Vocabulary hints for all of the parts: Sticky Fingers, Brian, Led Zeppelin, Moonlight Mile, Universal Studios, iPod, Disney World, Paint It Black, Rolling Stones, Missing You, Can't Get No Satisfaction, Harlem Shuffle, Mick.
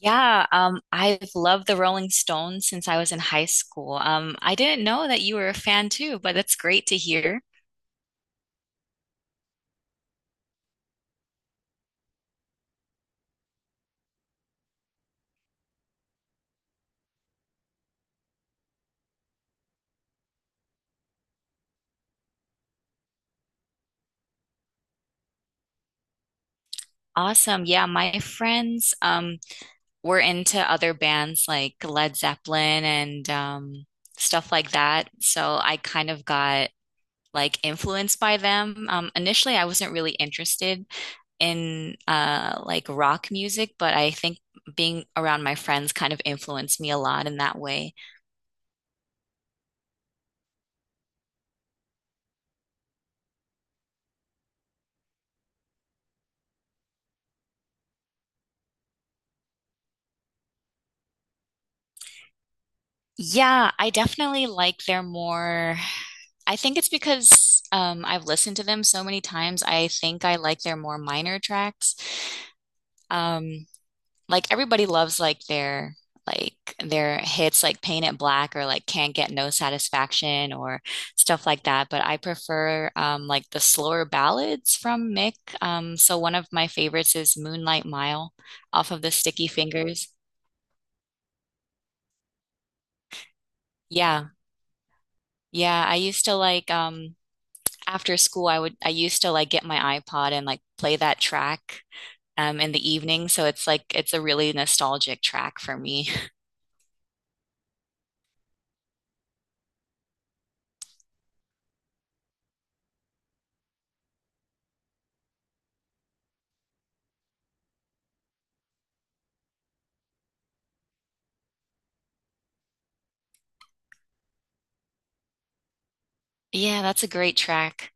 Yeah, I've loved the Rolling Stones since I was in high school. I didn't know that you were a fan too, but that's great to hear. Awesome. Yeah, my friends were into other bands like Led Zeppelin and stuff like that. So I kind of got like influenced by them. Initially, I wasn't really interested in like rock music, but I think being around my friends kind of influenced me a lot in that way. Yeah, I definitely like their more. I think it's because I've listened to them so many times. I think I like their more minor tracks. Um, like everybody loves like their hits like Paint It Black or like Can't Get No Satisfaction or stuff like that. But I prefer like the slower ballads from Mick. So one of my favorites is Moonlight Mile off of the Sticky Fingers. Yeah, yeah. I used to like after school, I used to like get my iPod and like play that track in the evening. So it's a really nostalgic track for me. Yeah, that's a great track.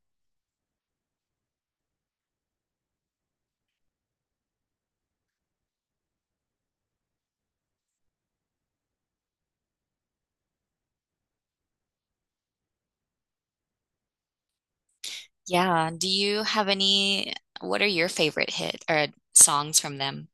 Yeah. Do you have what are your favorite hit or songs from them?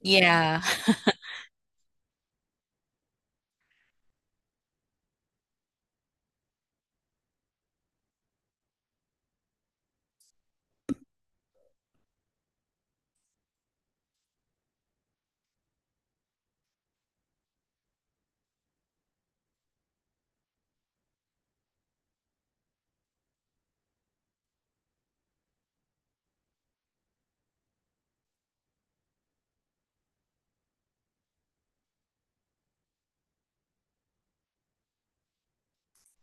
Yeah.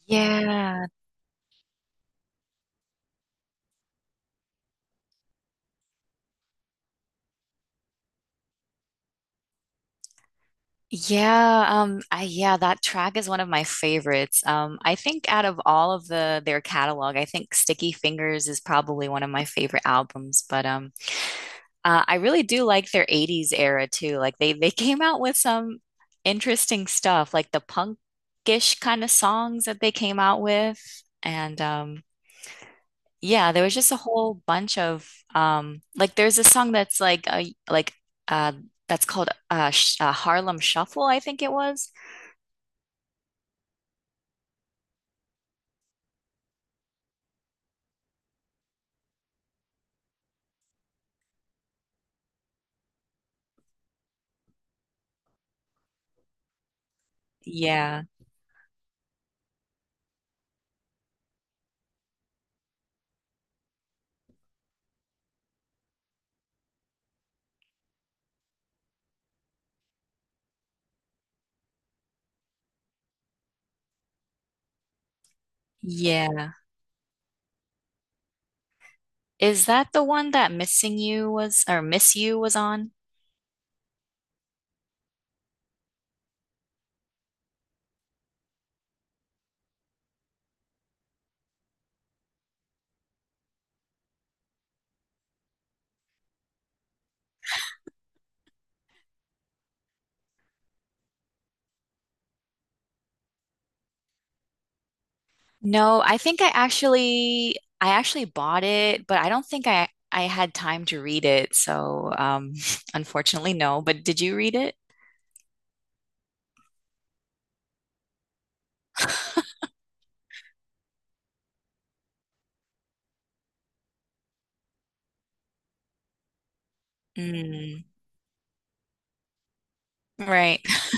Yeah. Yeah, that track is one of my favorites. I think out of all of their catalog, I think Sticky Fingers is probably one of my favorite albums, but I really do like their 80s era too. Like they came out with some interesting stuff, like the punkish kind of songs that they came out with. And yeah, there was just a whole bunch of like there's a song that's like uh that's called Sh Harlem Shuffle, I think it was. Yeah. Yeah. Is that the one that Missing You was or Miss You was on? No, I think I actually bought it, but I don't think I had time to read it. So, unfortunately, no. But did you read it? Mm, right.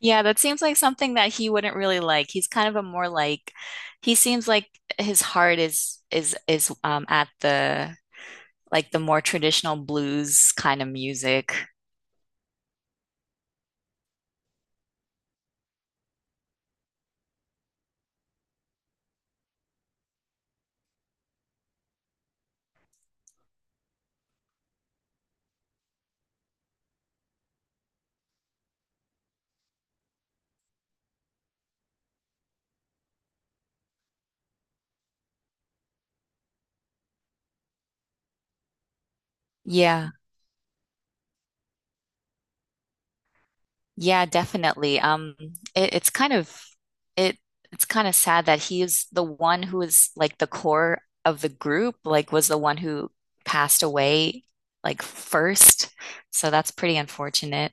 Yeah, that seems like something that he wouldn't really like. He's kind of a more like he seems like his heart is at the like the more traditional blues kind of music. Yeah. Yeah, definitely. It's kind of it it's kind of sad that he is the one who is like the core of the group, like was the one who passed away like first. So that's pretty unfortunate.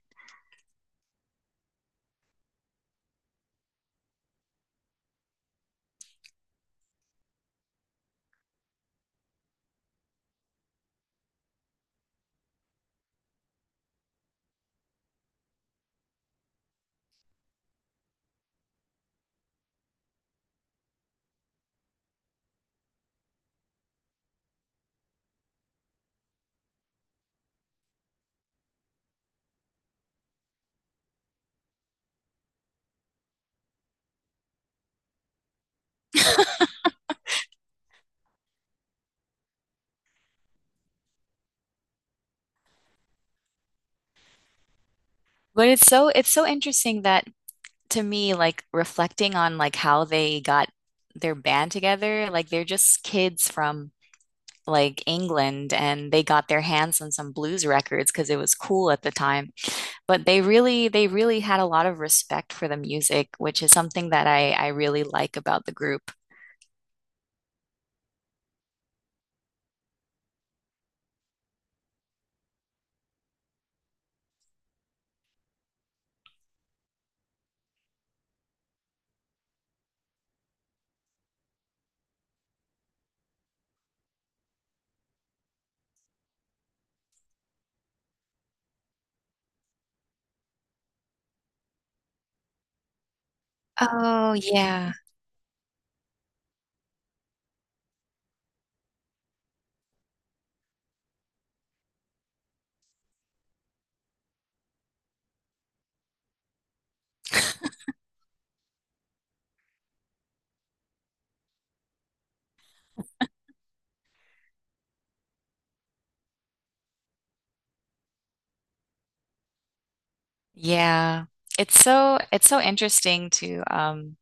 But it's so interesting that to me, like reflecting on like how they got their band together, like they're just kids from like England and they got their hands on some blues records because it was cool at the time. But they really had a lot of respect for the music, which is something that I really like about the group. Oh yeah. Yeah. It's so interesting to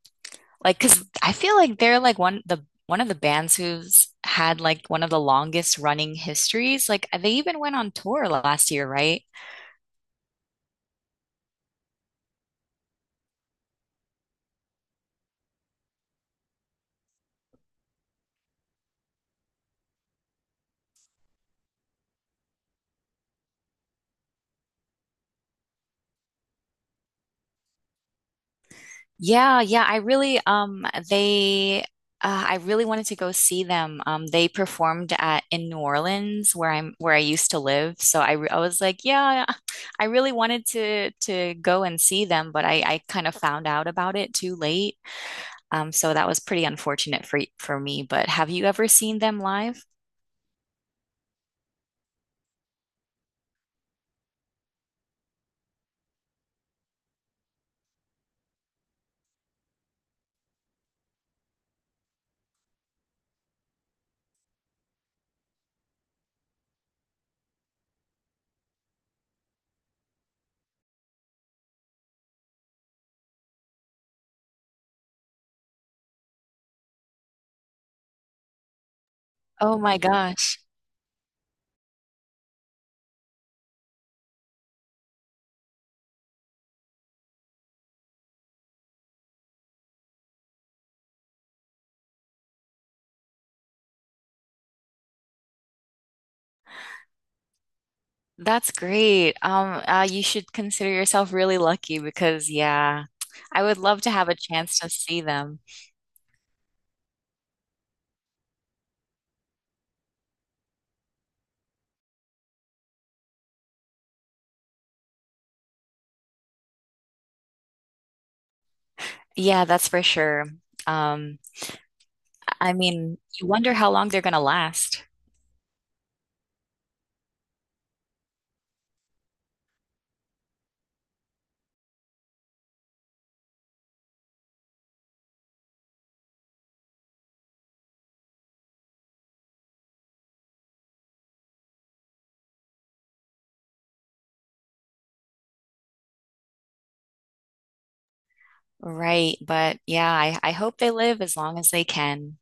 like 'cause I feel like they're like one of the bands who's had like one of the longest running histories. Like they even went on tour last year, right? Yeah, yeah, I really they I really wanted to go see them. They performed at in New Orleans where I used to live. So I was like, yeah, I really wanted to go and see them, but I kind of found out about it too late. So that was pretty unfortunate for for me, but have you ever seen them live? Oh my gosh. That's great. You should consider yourself really lucky because yeah, I would love to have a chance to see them. Yeah, that's for sure. Um, I mean, you wonder how long they're gonna last, right? But yeah, I hope they live as long as they can.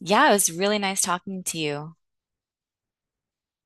Yeah, it was really nice talking to you.